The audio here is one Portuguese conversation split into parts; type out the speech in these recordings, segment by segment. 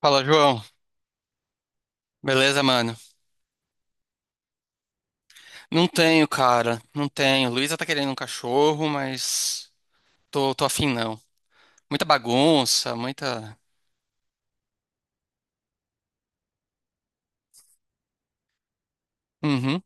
Fala, João. Beleza, mano? Não tenho, cara. Não tenho. Luísa tá querendo um cachorro, mas tô afim, não. Muita bagunça, muita. Uhum.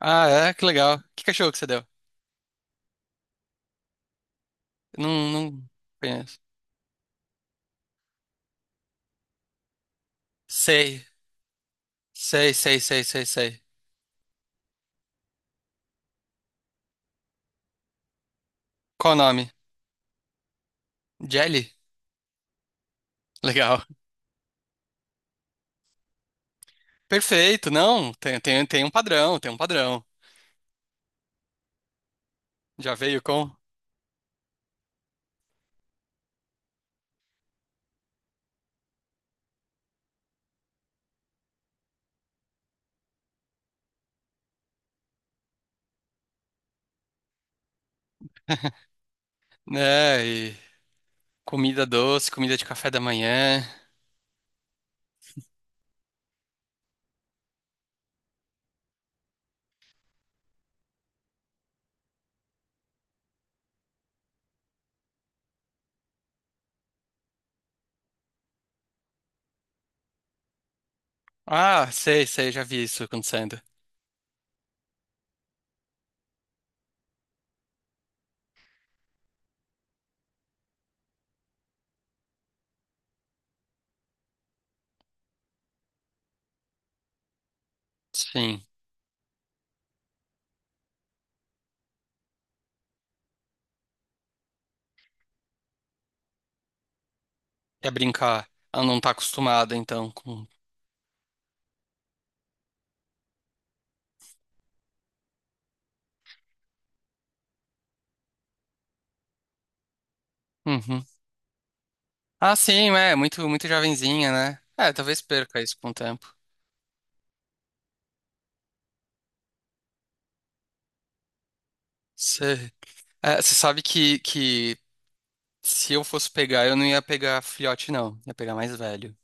Ah, é? Que legal. Que cachorro que você deu? Não, não conheço. Sei. Sei, sei, sei, sei, sei. Qual o nome? Jelly? Legal. Perfeito, não. Tem um padrão, tem um padrão. Já veio com. Né? E comida doce, comida de café da manhã. Ah, sei, sei, já vi isso acontecendo. Sim. É brincar. Ela não tá acostumada, então, com... Uhum. Ah, sim, é, muito, muito jovenzinha, né? É, talvez perca isso com o tempo. Você é, você sabe que se eu fosse pegar, eu não ia pegar filhote, não. Ia pegar mais velho.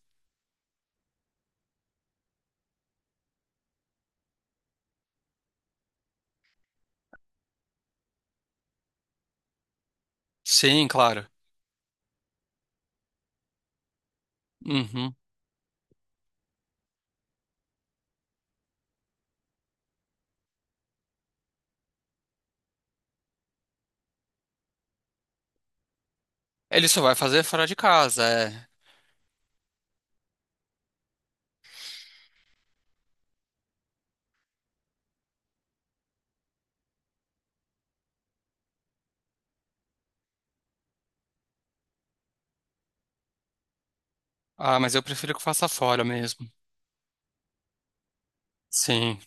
Sim, claro. Uhum. Ele só vai fazer fora de casa, é. Ah, mas eu prefiro que faça fora mesmo. Sim.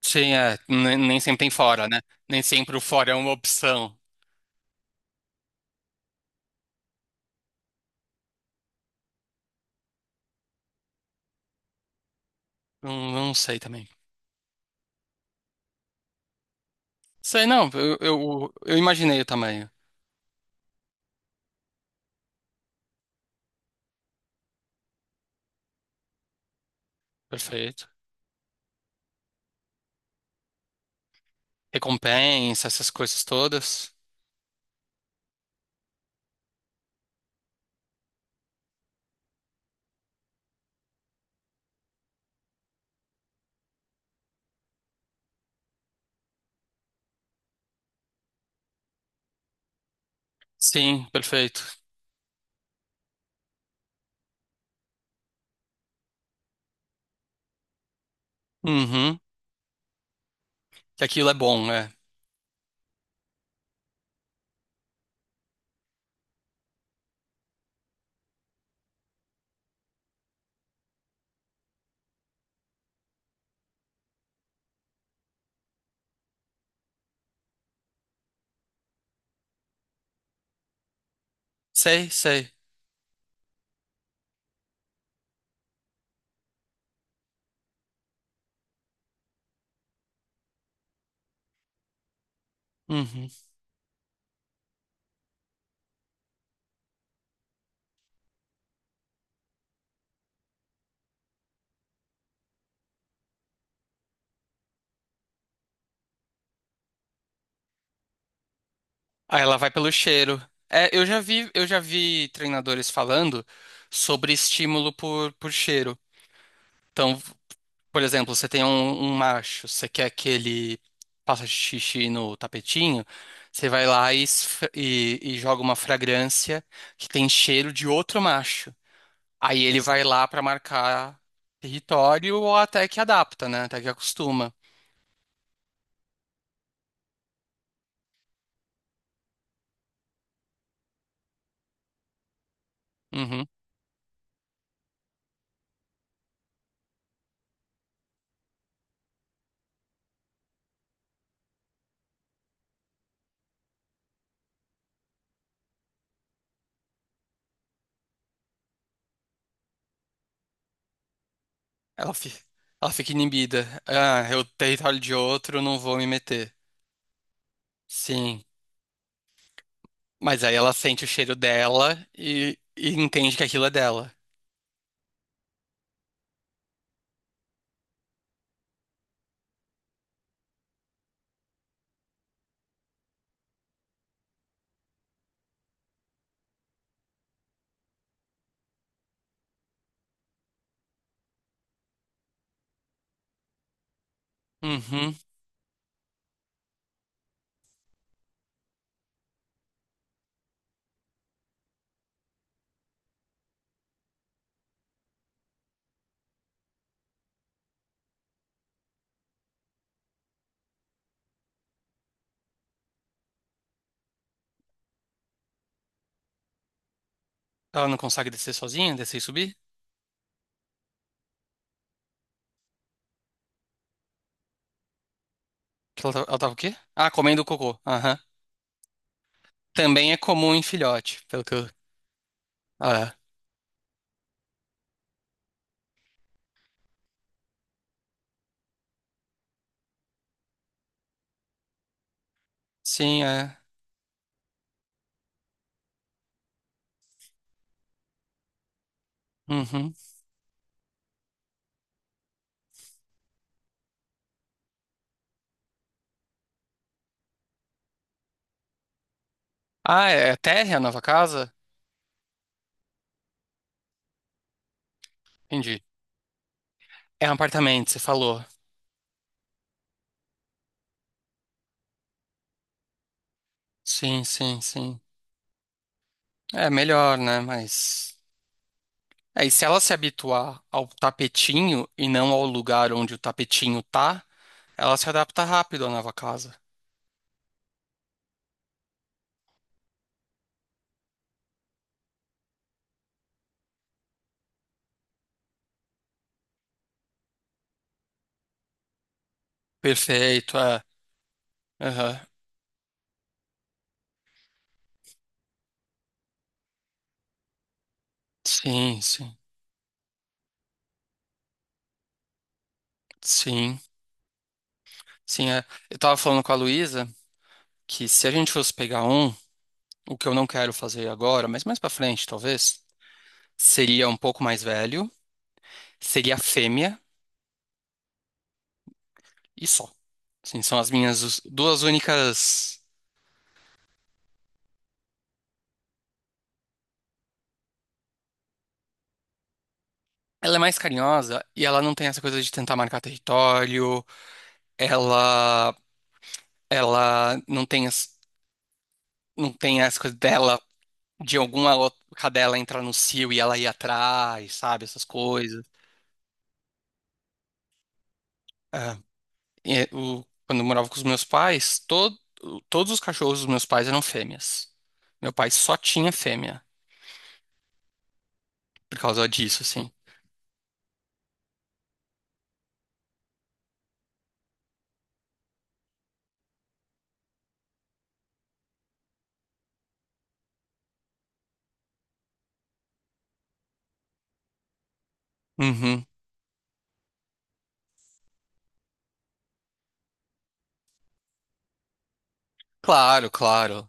Sim, é. Nem sempre tem fora, né? Nem sempre o fora é uma opção. Não, não sei também. Sei, não. Eu imaginei o tamanho. Perfeito. Recompensa, essas coisas todas. Sim, perfeito. Uhum. Que aquilo é bom, é. Sei, sei. Uhum. Aí ela vai pelo cheiro. É, eu já vi treinadores falando sobre estímulo por cheiro. Então, por exemplo, você tem um macho, você quer que ele faça xixi no tapetinho, você vai lá e, e joga uma fragrância que tem cheiro de outro macho. Aí ele vai lá pra marcar território ou até que adapta, né? Até que acostuma. Uhum. Ela fica, ela fica inibida. Ah, é o território de outro, não vou me meter. Sim. Mas aí ela sente o cheiro dela e entende que aquilo é dela. Uhum. Ela não consegue descer sozinha, descer e subir? Que Ela, ela tava o quê? Ah, comendo o cocô. Aham. Também é comum em filhote, pelo que eu. Ah, é. Sim, é. Uhum. Ah, é térrea a nova casa? Entendi. É um apartamento, você falou. Sim, sim, sim. É melhor, né? Mas. É, e se ela se habituar ao tapetinho e não ao lugar onde o tapetinho tá, ela se adapta rápido à nova casa. Perfeito, é. Aham. Sim, sim. Sim, sim. É. Eu tava falando com a Luísa que se a gente fosse pegar um, o que eu não quero fazer agora, mas mais pra frente, talvez, seria um pouco mais velho, seria fêmea e só. Sim, são as minhas duas únicas. Ela é mais carinhosa e ela não tem essa coisa de tentar marcar território. Ela, ela não tem, não tem essa coisa dela, de alguma outra cadela entrar no cio e ela ir atrás, sabe? Essas coisas. É, quando eu morava com os meus pais, todo, todos os cachorros dos meus pais eram fêmeas. Meu pai só tinha fêmea por causa disso, assim. Uhum. Claro, claro.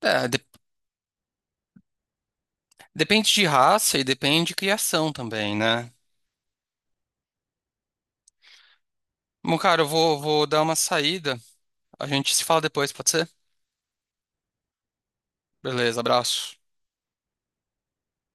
É, depende de raça e depende de criação também, né? Bom, cara, eu vou, vou dar uma saída. A gente se fala depois, pode ser? Beleza, abraço.